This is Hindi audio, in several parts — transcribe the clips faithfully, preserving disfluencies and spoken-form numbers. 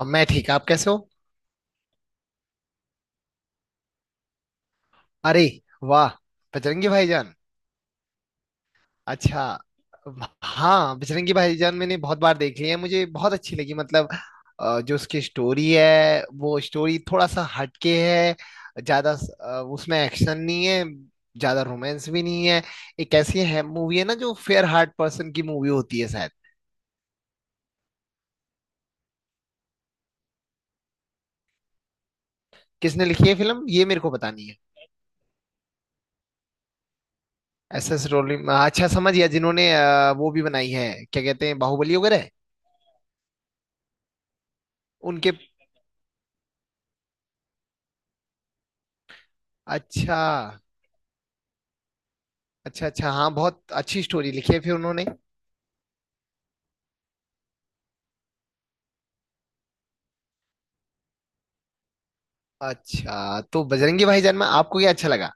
अब मैं ठीक। आप कैसे हो? अरे वाह, बजरंगी भाईजान। अच्छा। हाँ, बजरंगी भाईजान मैंने बहुत बार देख ली है, मुझे बहुत अच्छी लगी। मतलब अ, जो उसकी स्टोरी है वो स्टोरी थोड़ा सा हटके है। ज्यादा स- अ, उसमें एक्शन नहीं है, ज्यादा रोमांस भी नहीं है। एक ऐसी है मूवी है ना जो फेयर हार्ट पर्सन की मूवी होती है शायद। किसने लिखी है फिल्म, ये मेरे को पता नहीं है। एस एस रोलिंग, अच्छा समझ गया। जिन्होंने अ, वो भी बनाई है क्या कहते हैं, बाहुबली वगैरह। उनके। अच्छा अच्छा अच्छा। हाँ बहुत अच्छी स्टोरी लिखी है फिर उन्होंने। अच्छा, तो बजरंगी भाईजान में आपको क्या अच्छा लगा?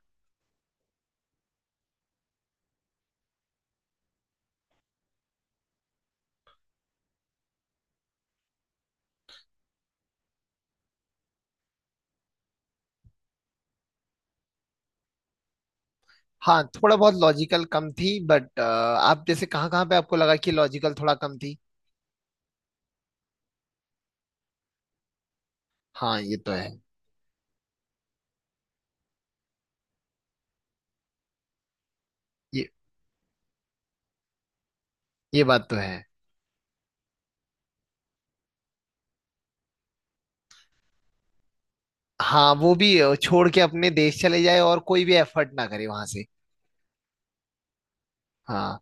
हाँ थोड़ा बहुत लॉजिकल कम थी, बट आप जैसे कहाँ कहाँ पे आपको लगा कि लॉजिकल थोड़ा कम थी? हाँ ये तो है। ये ये बात तो है। हाँ वो भी अ, छोड़ के अपने देश चले जाए और कोई भी एफर्ट ना करे वहां से। हाँ।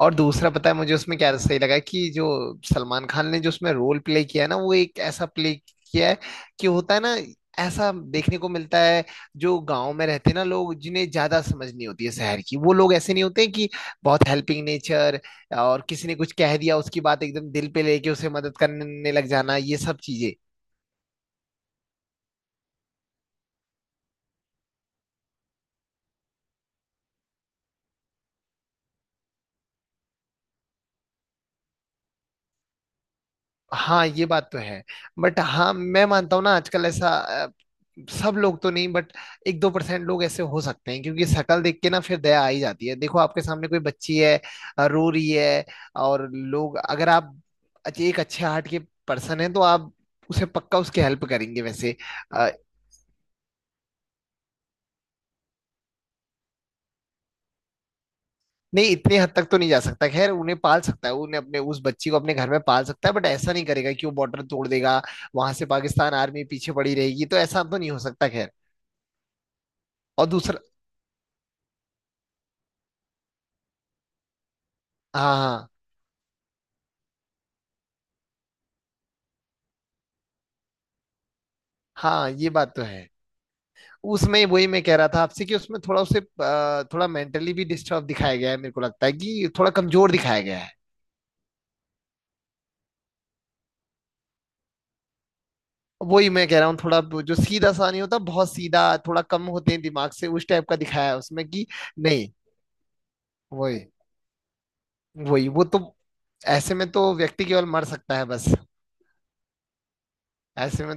और दूसरा पता है मुझे उसमें क्या सही लगा, कि जो सलमान खान ने जो उसमें रोल प्ले किया है ना, वो एक ऐसा प्ले किया है कि होता है ना, ऐसा देखने को मिलता है। जो गांव में रहते हैं ना लोग, जिन्हें ज्यादा समझ नहीं होती है शहर की, वो लोग ऐसे नहीं होते हैं कि बहुत हेल्पिंग नेचर, और किसी ने कुछ कह दिया उसकी बात एकदम दिल पे लेके उसे मदद करने लग जाना, ये सब चीजें। हाँ ये बात तो है। बट हाँ मैं मानता हूँ ना, आजकल ऐसा सब लोग तो नहीं, बट एक दो परसेंट लोग ऐसे हो सकते हैं। क्योंकि शक्ल देख के ना फिर दया आ ही जाती है। देखो, आपके सामने कोई बच्ची है, अ, रो रही है, और लोग अगर आप अच्छे- एक अच्छे हार्ट के पर्सन हैं तो आप उसे पक्का उसकी हेल्प करेंगे वैसे। अ, नहीं इतने हद तक तो नहीं जा सकता, खैर। उन्हें पाल सकता है, उन्हें अपने उस बच्ची को अपने घर में पाल सकता है, बट ऐसा नहीं करेगा कि वो बॉर्डर तोड़ देगा, वहां से पाकिस्तान आर्मी पीछे पड़ी रहेगी, तो ऐसा तो नहीं हो सकता खैर। और दूसरा। हाँ हाँ। हाँ ये बात तो है। उसमें वही मैं कह रहा था आपसे कि उसमें थोड़ा उसे अ, थोड़ा मेंटली भी डिस्टर्ब दिखाया गया है, मेरे को लगता है कि थोड़ा कमजोर दिखाया गया है। वही मैं कह रहा हूँ, थोड़ा जो सीधा सा नहीं होता, बहुत सीधा, थोड़ा कम होते हैं दिमाग से, उस टाइप का दिखाया है उसमें कि। नहीं। वही वही वो तो ऐसे में तो व्यक्ति केवल मर सकता है बस, ऐसे में।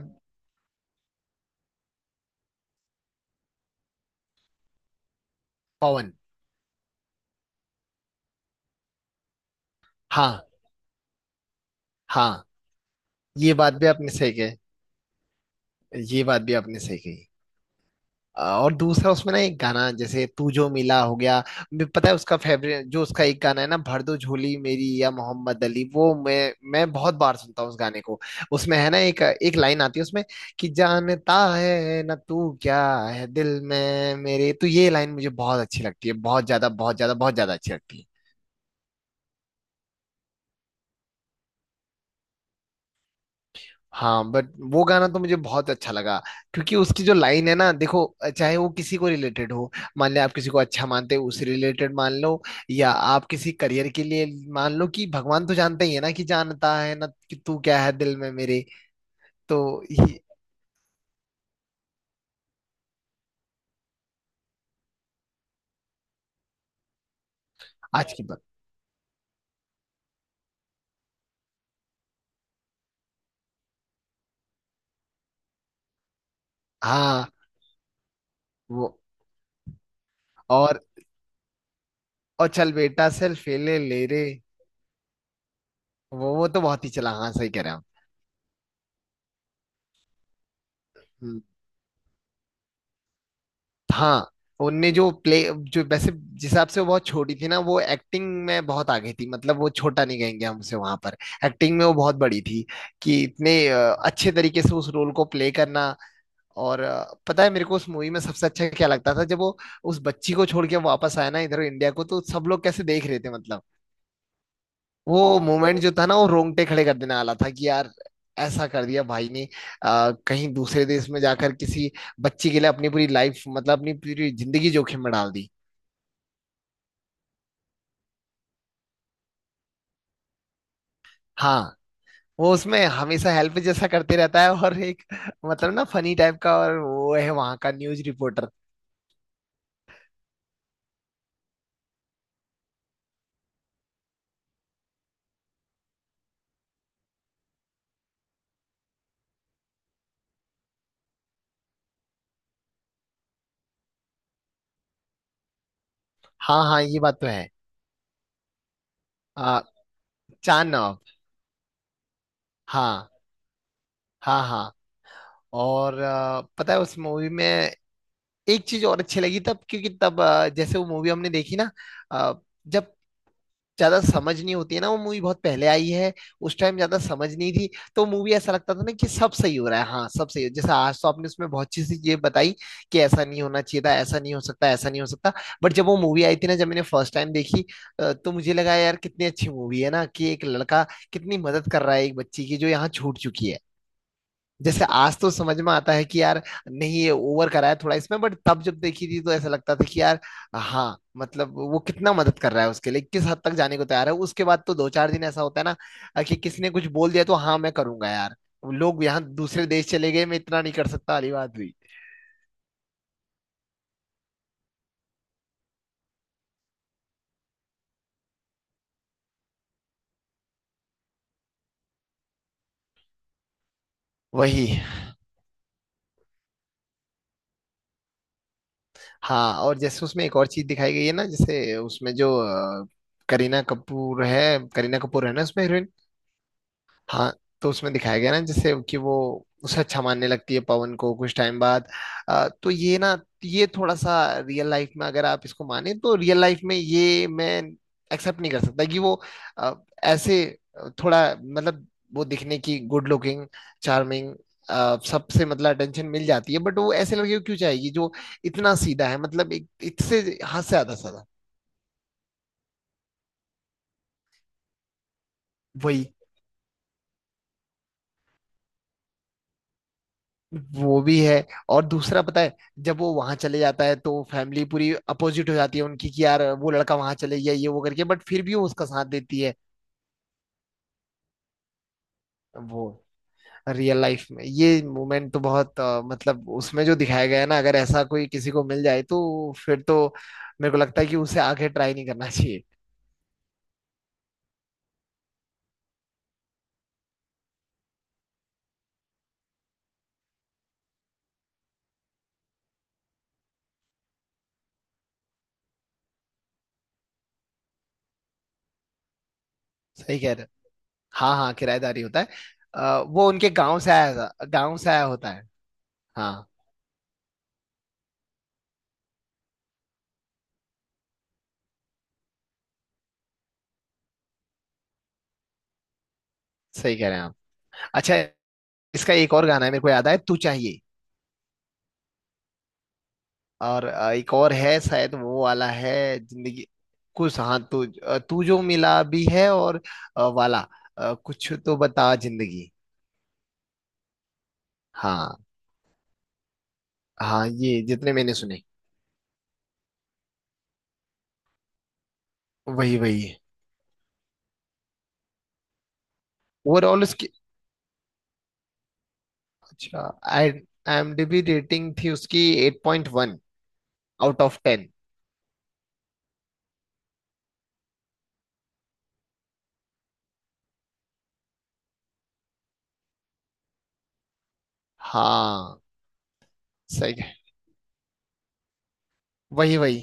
पवन। हाँ। हाँ। ये बात भी आपने सही कही। ये बात भी आपने सही कही। और दूसरा उसमें ना एक गाना, जैसे तू जो मिला, हो गया। मैं- पता है उसका फेवरेट जो उसका एक गाना है ना, भर दो झोली मेरी या मोहम्मद अली, वो मैं मैं बहुत बार सुनता हूँ उस गाने को। उसमें है ना एक एक लाइन आती है उसमें कि, जानता है ना तू क्या है दिल में मेरे, तो ये लाइन मुझे बहुत अच्छी लगती है, बहुत ज्यादा बहुत ज्यादा बहुत ज्यादा अच्छी लगती है। हाँ बट वो गाना तो मुझे बहुत अच्छा लगा। क्योंकि उसकी जो लाइन है ना, देखो, चाहे वो किसी को रिलेटेड हो, मान ले आप किसी को अच्छा मानते हो उस रिलेटेड मान लो, या आप किसी करियर के लिए मान लो कि, भगवान तो जानते ही है ना कि, जानता है ना कि तू क्या है दिल में मेरे। तो ये आज की बात। हाँ वो। और और चल बेटा सेल्फी ले ले रे। वो वो तो बहुत ही चला, हाँ सही कह रहे हैं आप। हाँ। उनने जो प्ले जो, वैसे जिस हिसाब से वो बहुत छोटी थी ना, वो एक्टिंग में बहुत आगे थी, मतलब वो छोटा नहीं कहेंगे हम उसे वहां पर। एक्टिंग में वो बहुत बड़ी थी, कि इतने अ, अच्छे तरीके से उस रोल को प्ले करना। और अ, पता है मेरे को उस मूवी में सबसे अच्छा क्या लगता था, जब वो उस बच्ची को छोड़ के वापस आया ना इधर इंडिया को, तो सब लोग कैसे देख रहे थे, मतलब वो मोमेंट जो था ना वो रोंगटे खड़े कर देने वाला था कि, यार ऐसा कर दिया भाई ने। आ, कहीं दूसरे देश में जाकर किसी बच्ची के लिए अपनी पूरी लाइफ, मतलब अपनी पूरी जिंदगी जोखिम में डाल दी। हाँ वो उसमें हमेशा हेल्प जैसा करते रहता है, और एक मतलब ना फनी टाइप का, और वो है वहां का न्यूज रिपोर्टर। हाँ हाँ ये बात तो है। आ, चांद नवाब। हाँ हाँ हाँ। और आ, पता है उस मूवी में एक चीज और अच्छी लगी तब, क्योंकि तब आ, जैसे वो मूवी हमने देखी ना, आ, जब ज्यादा समझ नहीं होती है ना, वो मूवी बहुत पहले आई है, उस टाइम ज्यादा समझ नहीं थी। तो मूवी ऐसा लगता था ना कि सब सही हो रहा है, हाँ सब सही हो। जैसे आज तो आपने उसमें बहुत अच्छी सी ये बताई कि ऐसा नहीं होना चाहिए था, ऐसा नहीं हो सकता, ऐसा नहीं हो सकता। बट जब वो मूवी आई थी ना, जब मैंने फर्स्ट टाइम देखी, अ, तो मुझे लगा यार कितनी अच्छी मूवी है ना, कि एक लड़का कितनी मदद कर रहा है एक बच्ची की जो यहाँ छूट चुकी है। जैसे आज तो समझ में आता है कि यार नहीं, ये ओवर करा है थोड़ा इसमें, बट तब जब देखी थी तो ऐसा लगता था कि यार हाँ, मतलब वो कितना मदद कर रहा है उसके लिए, किस हद तक जाने को तैयार है। उसके बाद तो दो चार दिन ऐसा होता है ना कि किसने कुछ बोल दिया तो हाँ मैं करूंगा यार, लोग यहाँ दूसरे देश चले गए, मैं इतना नहीं कर सकता वाली बात हुई। वही। हाँ और जैसे उसमें एक और चीज दिखाई गई है ना, जैसे उसमें जो अ, करीना कपूर है, करीना कपूर है ना उसमें हीरोइन। हाँ। तो उसमें दिखाया गया ना जैसे कि वो उसे अच्छा मानने लगती है पवन को कुछ टाइम बाद। अ, तो ये ना, ये थोड़ा सा रियल लाइफ में अगर आप इसको माने तो, रियल लाइफ में ये मैं एक्सेप्ट नहीं कर सकता कि वो अ, ऐसे थोड़ा मतलब, वो दिखने की गुड लुकिंग चार्मिंग सबसे मतलब अटेंशन मिल जाती है, बट वो ऐसे लड़के को क्यों चाहिए जो इतना सीधा है, मतलब एक इससे हद से ज्यादा सादा। वही। वो भी है। और दूसरा पता है, जब वो वहां चले जाता है तो फैमिली पूरी अपोजिट हो जाती है उनकी, कि यार वो लड़का वहां चले गया ये वो करके, बट फिर भी वो उसका साथ देती है। वो रियल लाइफ में ये मोमेंट तो बहुत अ, मतलब उसमें जो दिखाया गया है ना, अगर ऐसा कोई किसी को मिल जाए तो फिर तो मेरे को लगता है कि उसे आगे ट्राई नहीं करना चाहिए। सही कह रहे हो। हाँ हाँ किराएदारी होता है। अ, वो उनके गाँव से आया था- गाँव से आया होता है। हाँ सही कह रहे हैं आप। अच्छा। इसका एक और गाना है मेरे को याद आया, तू चाहिए। और अ, एक और है शायद वो वाला है, जिंदगी कुछ, हाँ तू अ, तू जो मिला भी है। और अ, वाला, अ, कुछ तो बता जिंदगी। हाँ। हाँ ये जितने मैंने सुने। वही वही है। ओवरऑल उसकी अच्छा आई IMDb रेटिंग थी उसकी eight point one out of ten. हाँ सही है, वही वही।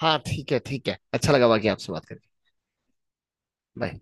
हाँ ठीक है ठीक है, अच्छा लगा बाकी आपसे बात करके। बाय।